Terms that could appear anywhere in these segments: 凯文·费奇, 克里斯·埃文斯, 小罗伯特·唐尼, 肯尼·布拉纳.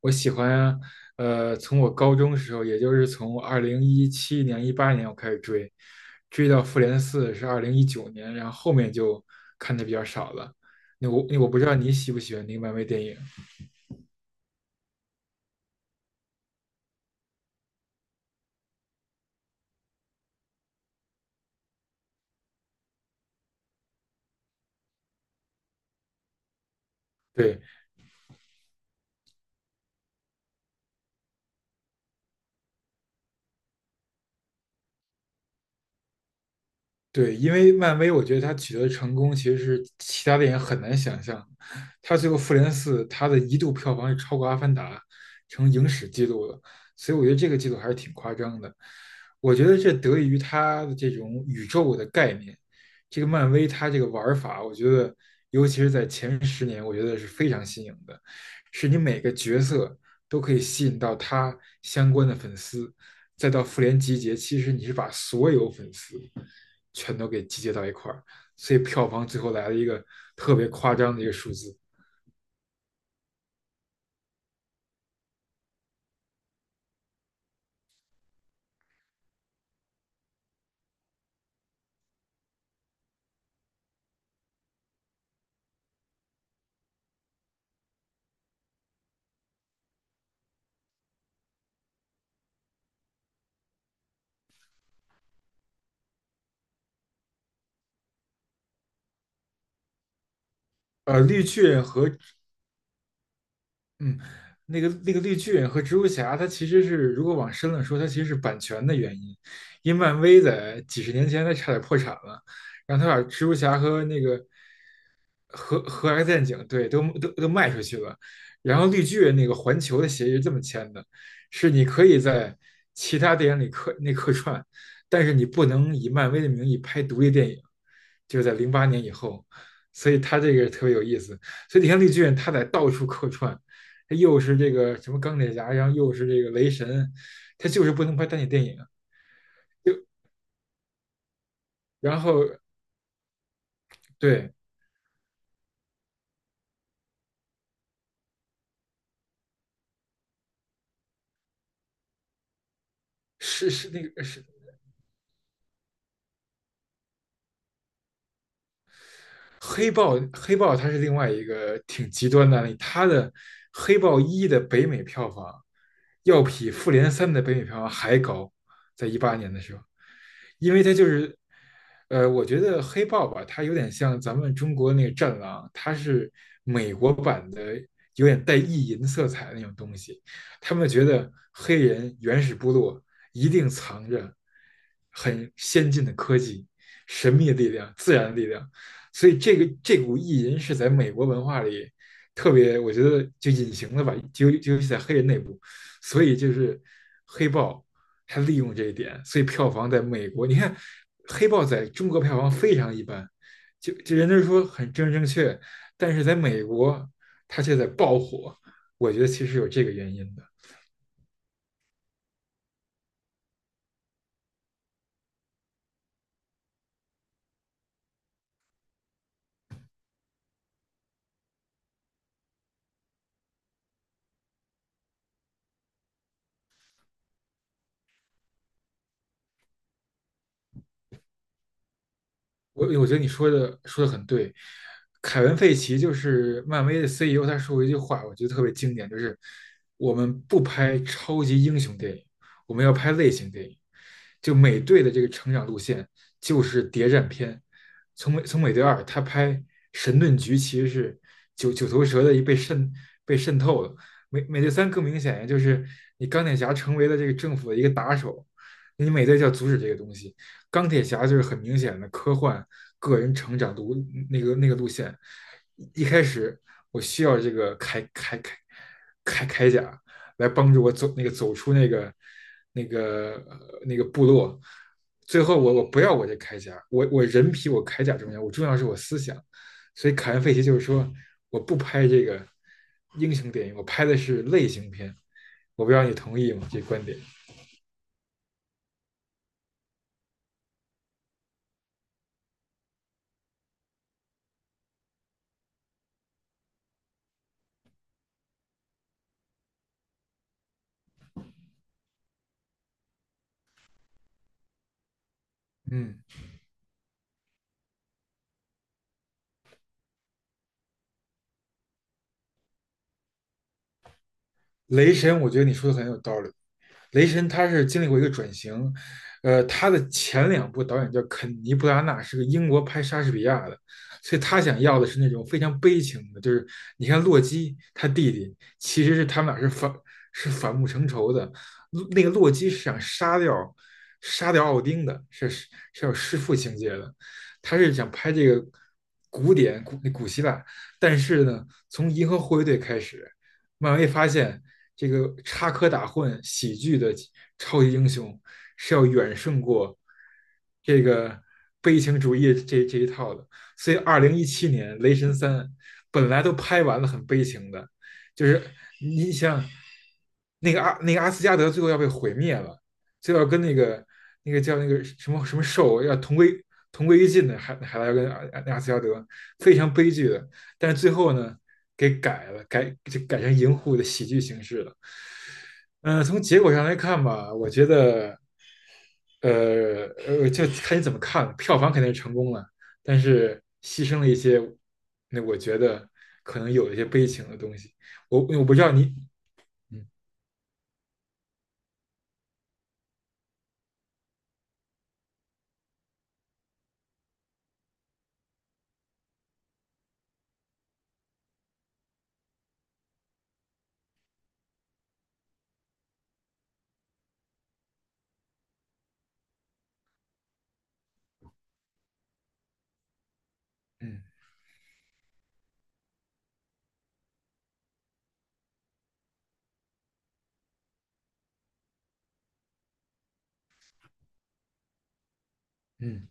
我喜欢，从我高中时候，也就是从二零一七年、一八年我开始追，追到复联四是2019年，然后后面就看的比较少了。那我不知道你喜不喜欢那个漫威电影？对，对，因为漫威，我觉得它取得的成功其实是其他电影很难想象的。他最后《复联四》，它的一度票房是超过《阿凡达》，成影史记录了，所以我觉得这个记录还是挺夸张的。我觉得这得益于它的这种宇宙的概念，这个漫威它这个玩儿法，我觉得尤其是在前十年，我觉得是非常新颖的，是你每个角色都可以吸引到他相关的粉丝，再到复联集结，其实你是把所有粉丝。全都给集结到一块儿，所以票房最后来了一个特别夸张的一个数字。呃，绿巨人和嗯，那个绿巨人和蜘蛛侠，它其实是如果往深了说，它其实是版权的原因，因为漫威在几十年前它差点破产了，然后他把蜘蛛侠和那个和 X 战警，对，都卖出去了，然后绿巨人那个环球的协议是这么签的，是你可以在其他电影里客串，但是你不能以漫威的名义拍独立电影，就是在2008年以后，所以他这个特别有意思，所以你看绿巨人他在到处客串，他又是这个什么钢铁侠，然后又是这个雷神，他就是不能拍单体电影，就然后对。是是那个是黑豹它是另外一个挺极端的案例，黑豹一的北美票房要比复联三的北美票房还高，在一八年的时候，因为他就是，我觉得黑豹吧，它有点像咱们中国那个战狼，它是美国版的，有点带意淫色彩的那种东西。他们觉得黑人原始部落一定藏着很先进的科技、神秘的力量、自然的力量，所以这股意淫是在美国文化里特别，我觉得就隐形了吧，就尤其在黑人内部，所以就是黑豹。他利用这一点，所以票房在美国，你看《黑豹》在中国票房非常一般，就人家说很正确，但是在美国它却在爆火，我觉得其实有这个原因的。我觉得你说的很对，凯文·费奇就是漫威的 CEO，他说过一句话，我觉得特别经典，就是我们不拍超级英雄电影，我们要拍类型电影。就美队的这个成长路线就是谍战片，从美队二他拍神盾局其实是九头蛇的一被渗透了，美队三更明显，呀，就是你钢铁侠成为了这个政府的一个打手，你美队就要阻止这个东西。钢铁侠就是很明显的科幻个人成长路那个那个路线。一开始我需要这个铠甲来帮助我走出那个部落。最后我不要我这铠甲，我人比我铠甲重要，我重要是我思想。所以凯恩·费奇就是说，我不拍这个英雄电影，我拍的是类型片。我不知道你同意吗？这观点。嗯，雷神，我觉得你说的很有道理。雷神他是经历过一个转型，他的前两部导演叫肯尼·布拉纳，是个英国拍莎士比亚的，所以他想要的是那种非常悲情的，就是你看洛基他弟弟其实是他们俩是反目成仇的，那个洛基是想杀掉奥丁的，是有弑父情节的，他是想拍这个古典古希腊，但是呢，从银河护卫队开始。漫威发现这个插科打诨、喜剧的超级英雄是要远胜过这个悲情主义这一套的。所以，二零一七年《雷神三》本来都拍完了，很悲情的，就是你想那个阿那个阿斯加德最后要被毁灭了，就要跟那个叫那个什么什么兽要同归于尽的，还来跟阿斯加德，非常悲剧的。但是最后呢，给改了，改就改成银护的喜剧形式了。从结果上来看吧，我觉得，就看你怎么看，票房肯定是成功了，但是牺牲了一些，那我觉得可能有一些悲情的东西。我不知道你，嗯嗯嗯。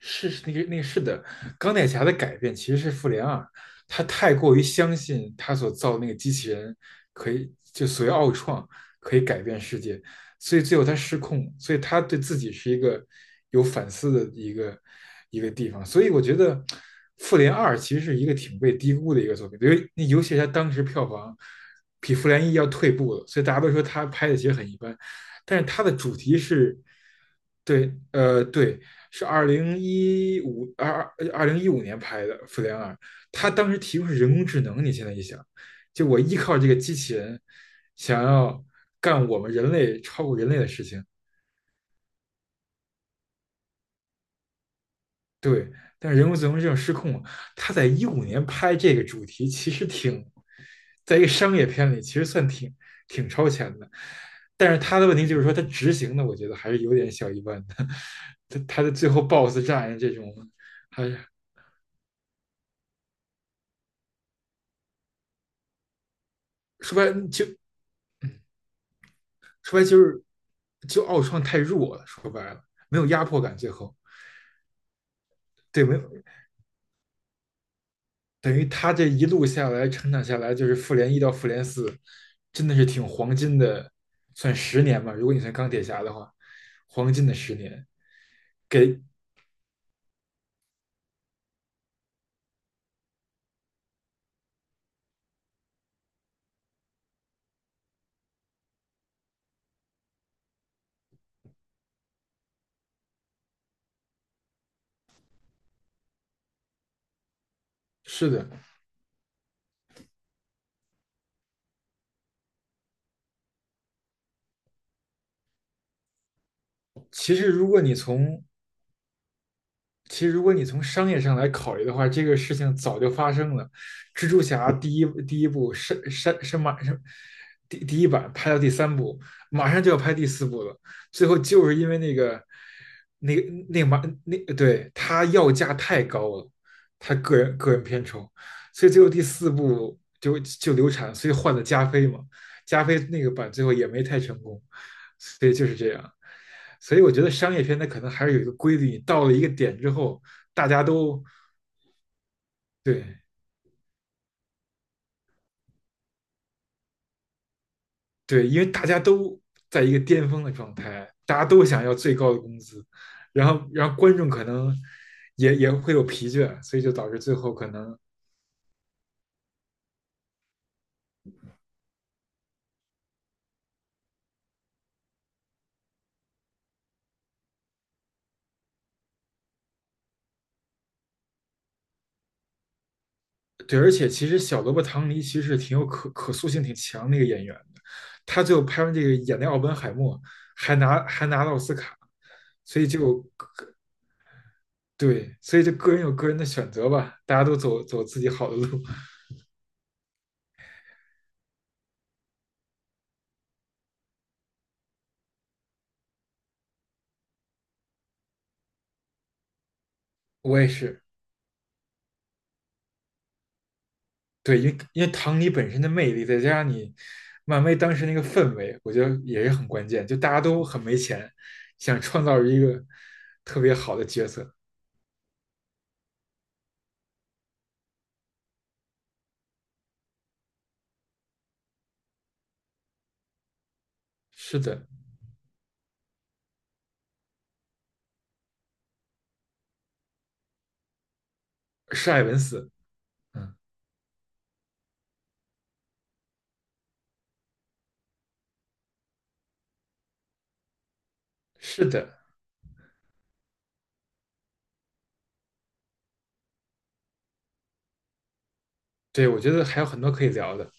是的，钢铁侠的改变其实是复联二，他太过于相信他所造的那个机器人可以就所谓奥创可以改变世界，所以最后他失控，所以他对自己是一个有反思的一个地方，所以我觉得复联二其实是一个挺被低估的一个作品，因为那尤其是他当时票房比复联一要退步了，所以大家都说他拍的其实很一般，但是他的主题是。对，对，是2015年拍的《复联二》，他当时提供是人工智能。你现在一想，就我依靠这个机器人，想要干我们人类超过人类的事情，对。但是人工智能这种失控他在一五年拍这个主题，其实挺，在一个商业片里，其实算挺超前的。但是他的问题就是说，他执行的，我觉得还是有点小一般的。他的最后 BOSS 战这种，还是说白了就说白就是就奥创太弱了，说白了没有压迫感，最后对，没有，等于他这一路下来成长下来，就是复联一到复联四，真的是挺黄金的，算十年吧，如果你算钢铁侠的话，黄金的十年。给是的。其实如果你从其实如果你从商业上来考虑的话，这个事情早就发生了。蜘蛛侠第一部是马上第一版拍到第三部，马上就要拍第四部了。最后就是因为那个那个那个对他要价太高了，他个人片酬，所以最后第四部就流产，所以换了加菲嘛。加菲那个版最后也没太成功，所以就是这样。所以我觉得商业片它可能还是有一个规律，你到了一个点之后，大家都对，对，因为大家都在一个巅峰的状态，大家都想要最高的工资，然后观众可能也会有疲倦，所以就导致最后可能对，而且其实小萝卜唐尼其实挺有可塑性挺强的一个演员的，他最后拍完这个演的奥本海默还拿了奥斯卡，所以就对，所以就个人有个人的选择吧，大家都走自己好的路。我也是，对，因为唐尼本身的魅力，再加上你漫威当时那个氛围，我觉得也是很关键。就大家都很没钱，想创造一个特别好的角色。是的，是艾文斯，嗯，是的，对，我觉得还有很多可以聊的。